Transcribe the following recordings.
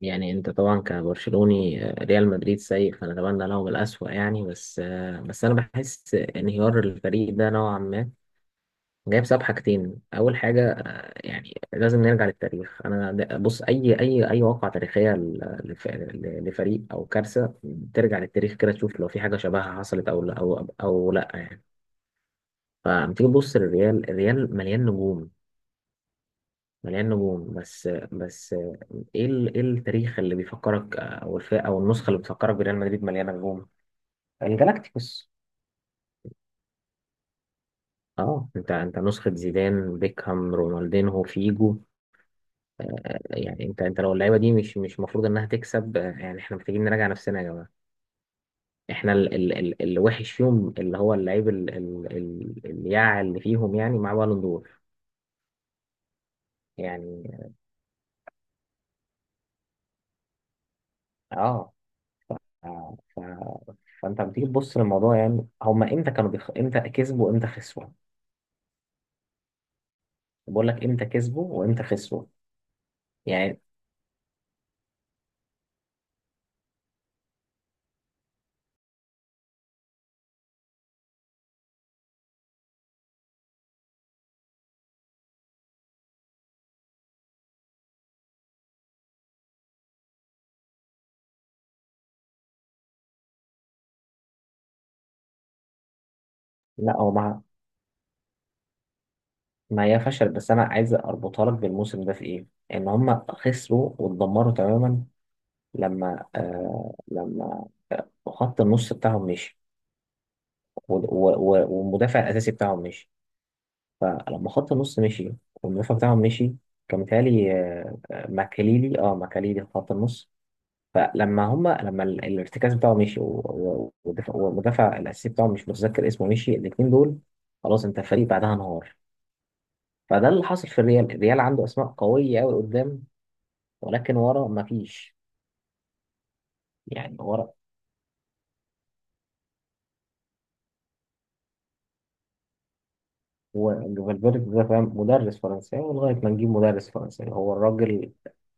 يعني انت طبعا كبرشلوني، ريال مدريد سيء فنتمنى لهم الأسوأ يعني بس، بس انا بحس انهيار الفريق ده نوعا ما جاي بسبب حاجتين. اول حاجة، يعني لازم نرجع للتاريخ. بص اي واقعة تاريخية لفريق او كارثة ترجع للتاريخ كده تشوف لو في حاجة شبهها حصلت او لا، او لا يعني. فلما تيجي تبص للريال، الريال مليان نجوم، مليان نجوم بس. ايه ايه التاريخ اللي بيفكرك، او الفئه او النسخه اللي بتفكرك بريال مدريد مليانه نجوم؟ الجالاكتيكوس. اه، انت نسخه زيدان، بيكهام، رونالدينهو، فيجو. يعني انت لو اللعيبه دي مش المفروض انها تكسب، يعني احنا محتاجين نراجع نفسنا يا جماعه. احنا ال اللي وحش فيهم اللي هو اللعيب ال الياع اللي فيهم، يعني مع بالون دور يعني. اه، آه، ف فانت لما تيجي تبص للموضوع، يعني هما امتى امتى كسبوا وامتى خسروا؟ بقول لك امتى كسبوا وامتى خسروا يعني. لا هو ما هي فشل، بس انا عايز اربطها لك بالموسم ده في ايه. ان هم خسروا واتدمروا تماما لما لما، خط النص بتاعهم مشي والمدافع الاساسي بتاعهم مشي. فلما خط النص مشي والمدافع بتاعهم مشي، كان متهيألي ماكاليلي، اه ماكاليلي في خط النص. فلما هم لما الارتكاز بتاعه مشي والدفاع والمدافع الاساسي بتاعهم مش متذكر اسمه مشي، الاثنين دول خلاص انت الفريق بعدها انهار. فده اللي حصل في الريال. الريال عنده اسماء قويه قوي قدام، ولكن ورا ما فيش. يعني ورا هو فالفيردي ده فاهم. مدرس فرنساوي لغايه ما نجيب مدرس فرنساوي، هو الراجل،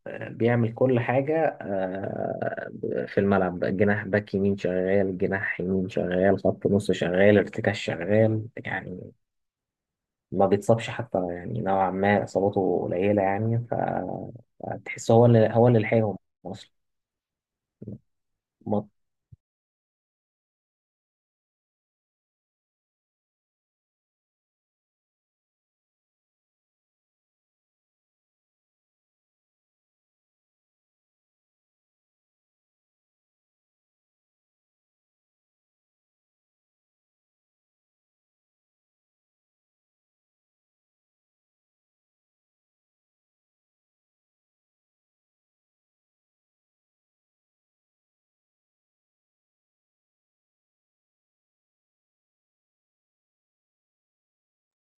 بيعمل كل حاجه، في الملعب جناح باك يمين شغال، جناح يمين شغال، خط نص شغال، ارتكاز شغال يعني. ما بيتصابش حتى يعني، نوعا ما اصاباته قليله يعني. فتحس هو اللي لحقهم اصلا.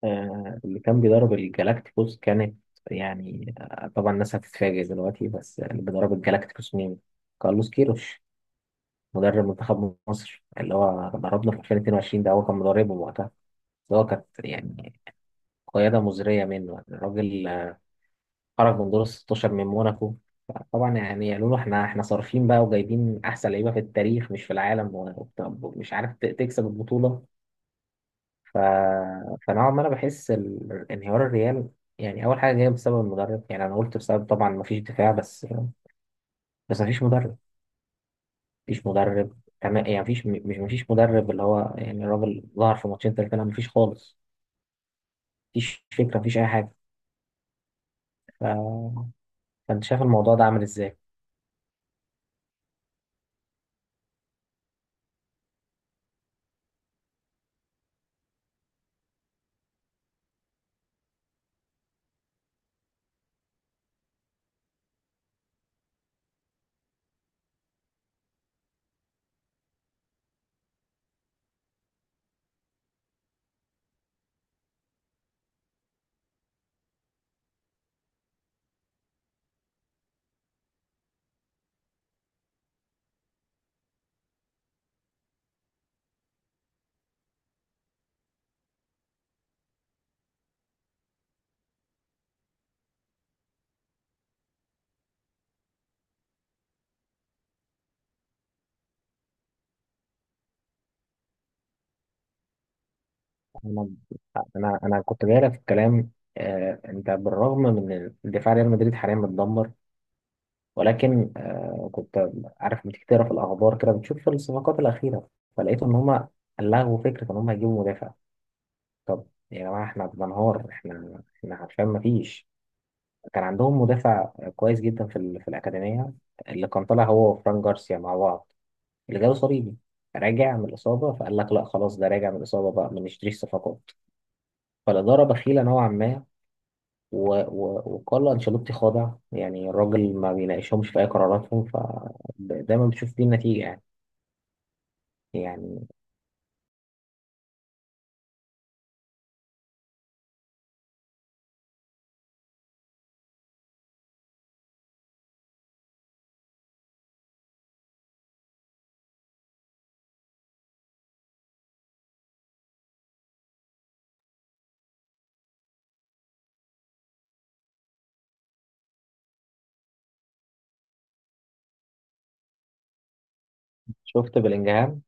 اللي كان بيدرب الجالاكتيكوس كانت، يعني طبعا الناس هتتفاجئ دلوقتي، بس اللي بيدرب الجالاكتيكوس مين؟ كارلوس كيروش، مدرب منتخب مصر اللي هو دربنا في 2022، ده هو كان مدربه وقتها. بس هو كانت يعني قيادة مزرية منه الراجل، خرج من دور ال 16 من موناكو. طبعا يعني قالوا له احنا احنا صارفين بقى وجايبين احسن لعيبه في التاريخ مش في العالم، ومش عارف تكسب البطوله. ف... فنوعا ما انا بحس انهيار الريال يعني اول حاجه جايه بسبب المدرب. يعني انا قلت بسبب طبعا ما فيش دفاع بس، بس ما فيش مدرب. ما فيش مدرب تمام يعني. ما فيش، مش ما فيش مدرب اللي هو يعني الراجل ظهر في ماتشين ثلاثه، لا ما فيش خالص. ما فيش فكره، ما فيش اي حاجه. ف... فانت شايف الموضوع ده عامل ازاي؟ انا انا كنت جاي لك في الكلام، انت بالرغم من إن دفاع ريال مدريد حاليا متدمر، ولكن آه كنت عارف لما تيجي تقرا في الاخبار كده بتشوف الصفقات الاخيره، فلقيت ان هم لغوا فكره ان هم يجيبوا مدافع. طب يا جماعه احنا بننهار، احنا عارفين ما فيش. كان عندهم مدافع كويس جدا في في الاكاديميه، اللي كان طالع هو وفران جارسيا مع بعض، اللي جاله صليبي راجع من الاصابه، فقال لك لا خلاص ده راجع من الاصابه بقى، ما نشتريش صفقات. فالاداره بخيله نوعا ما، وكارلو انشيلوتي خاضع يعني. الراجل ما بيناقشهمش في اي قراراتهم، ف دايما بتشوف دي النتيجه يعني. يعني شفت بلينجهام؟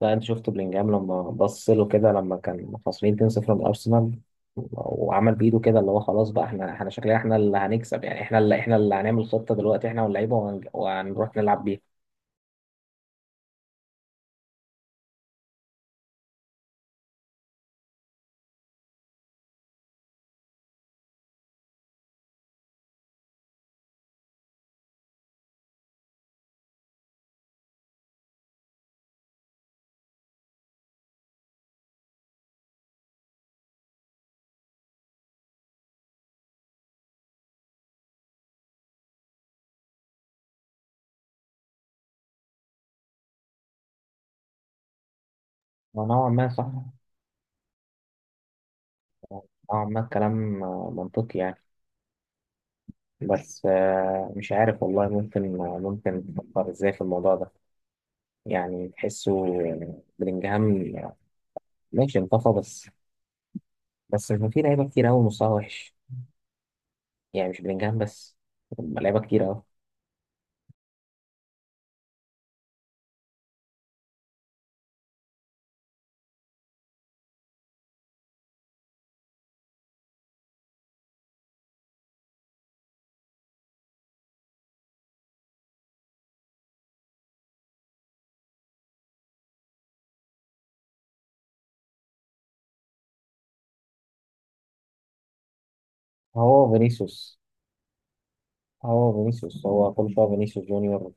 لا انت شفت بلينجهام لما بص له كده لما كان خسرين 2-0 من ارسنال، وعمل بايده كده اللي هو خلاص بقى احنا، احنا شكلنا احنا اللي هنكسب يعني. احنا اللي هنعمل خطة دلوقتي احنا واللعيبة وهنروح نلعب بيها. نوعا ما صح، نوعا ما الكلام منطقي يعني. بس، مش عارف والله، ممكن تفكر ازاي في الموضوع ده؟ يعني تحسه بلينجهام ماشي انطفى، بس بس كان في لعيبة كتير قوي مستواها وحش يعني. مش بلينجهام بس، هما لعيبه كتير أوي. هو فينيسيوس، هو كل شويه فينيسيوس جونيور،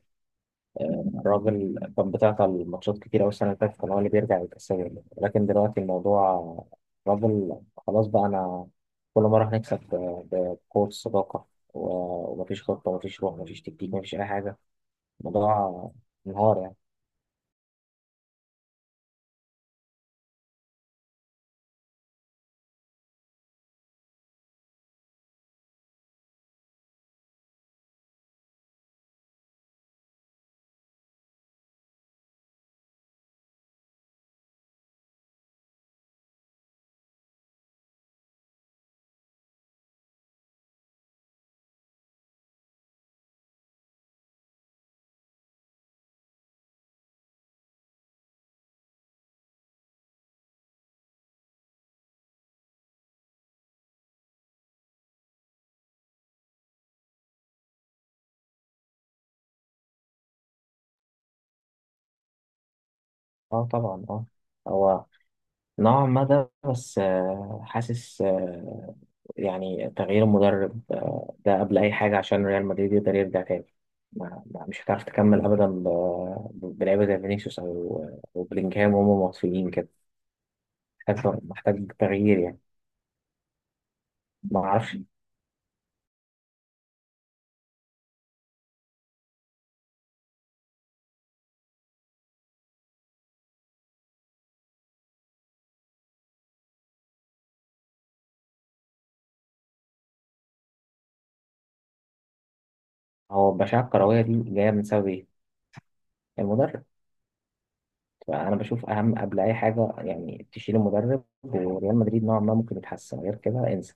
الراجل كان بتاع الماتشات كتير أوي. السنة اللي فاتت كان هو اللي بيرجع يتأثر، لكن دلوقتي الموضوع، الراجل خلاص بقى. أنا كل مرة هنكسب بقوة الصداقة، ومفيش خطة، ومفيش روح، ومفيش تكتيك، مفيش أي حاجة. الموضوع انهار يعني. اه طبعا اه، هو نوعا ما ده، بس، حاسس، يعني تغيير المدرب، ده قبل أي حاجة عشان ريال مدريد يقدر يرجع تاني. مش هتعرف تكمل أبدا بلعيبة زي فينيسيوس أو أو بلينجهام وهم مطفيين كده. محتاج تغيير يعني، ما أعرفش. هو البشاعة الكروية دي جاية من سبب إيه؟ المدرب. فأنا بشوف أهم قبل أي حاجة يعني تشيل المدرب، وريال مدريد نوعا ما ممكن يتحسن، غير كده انسى.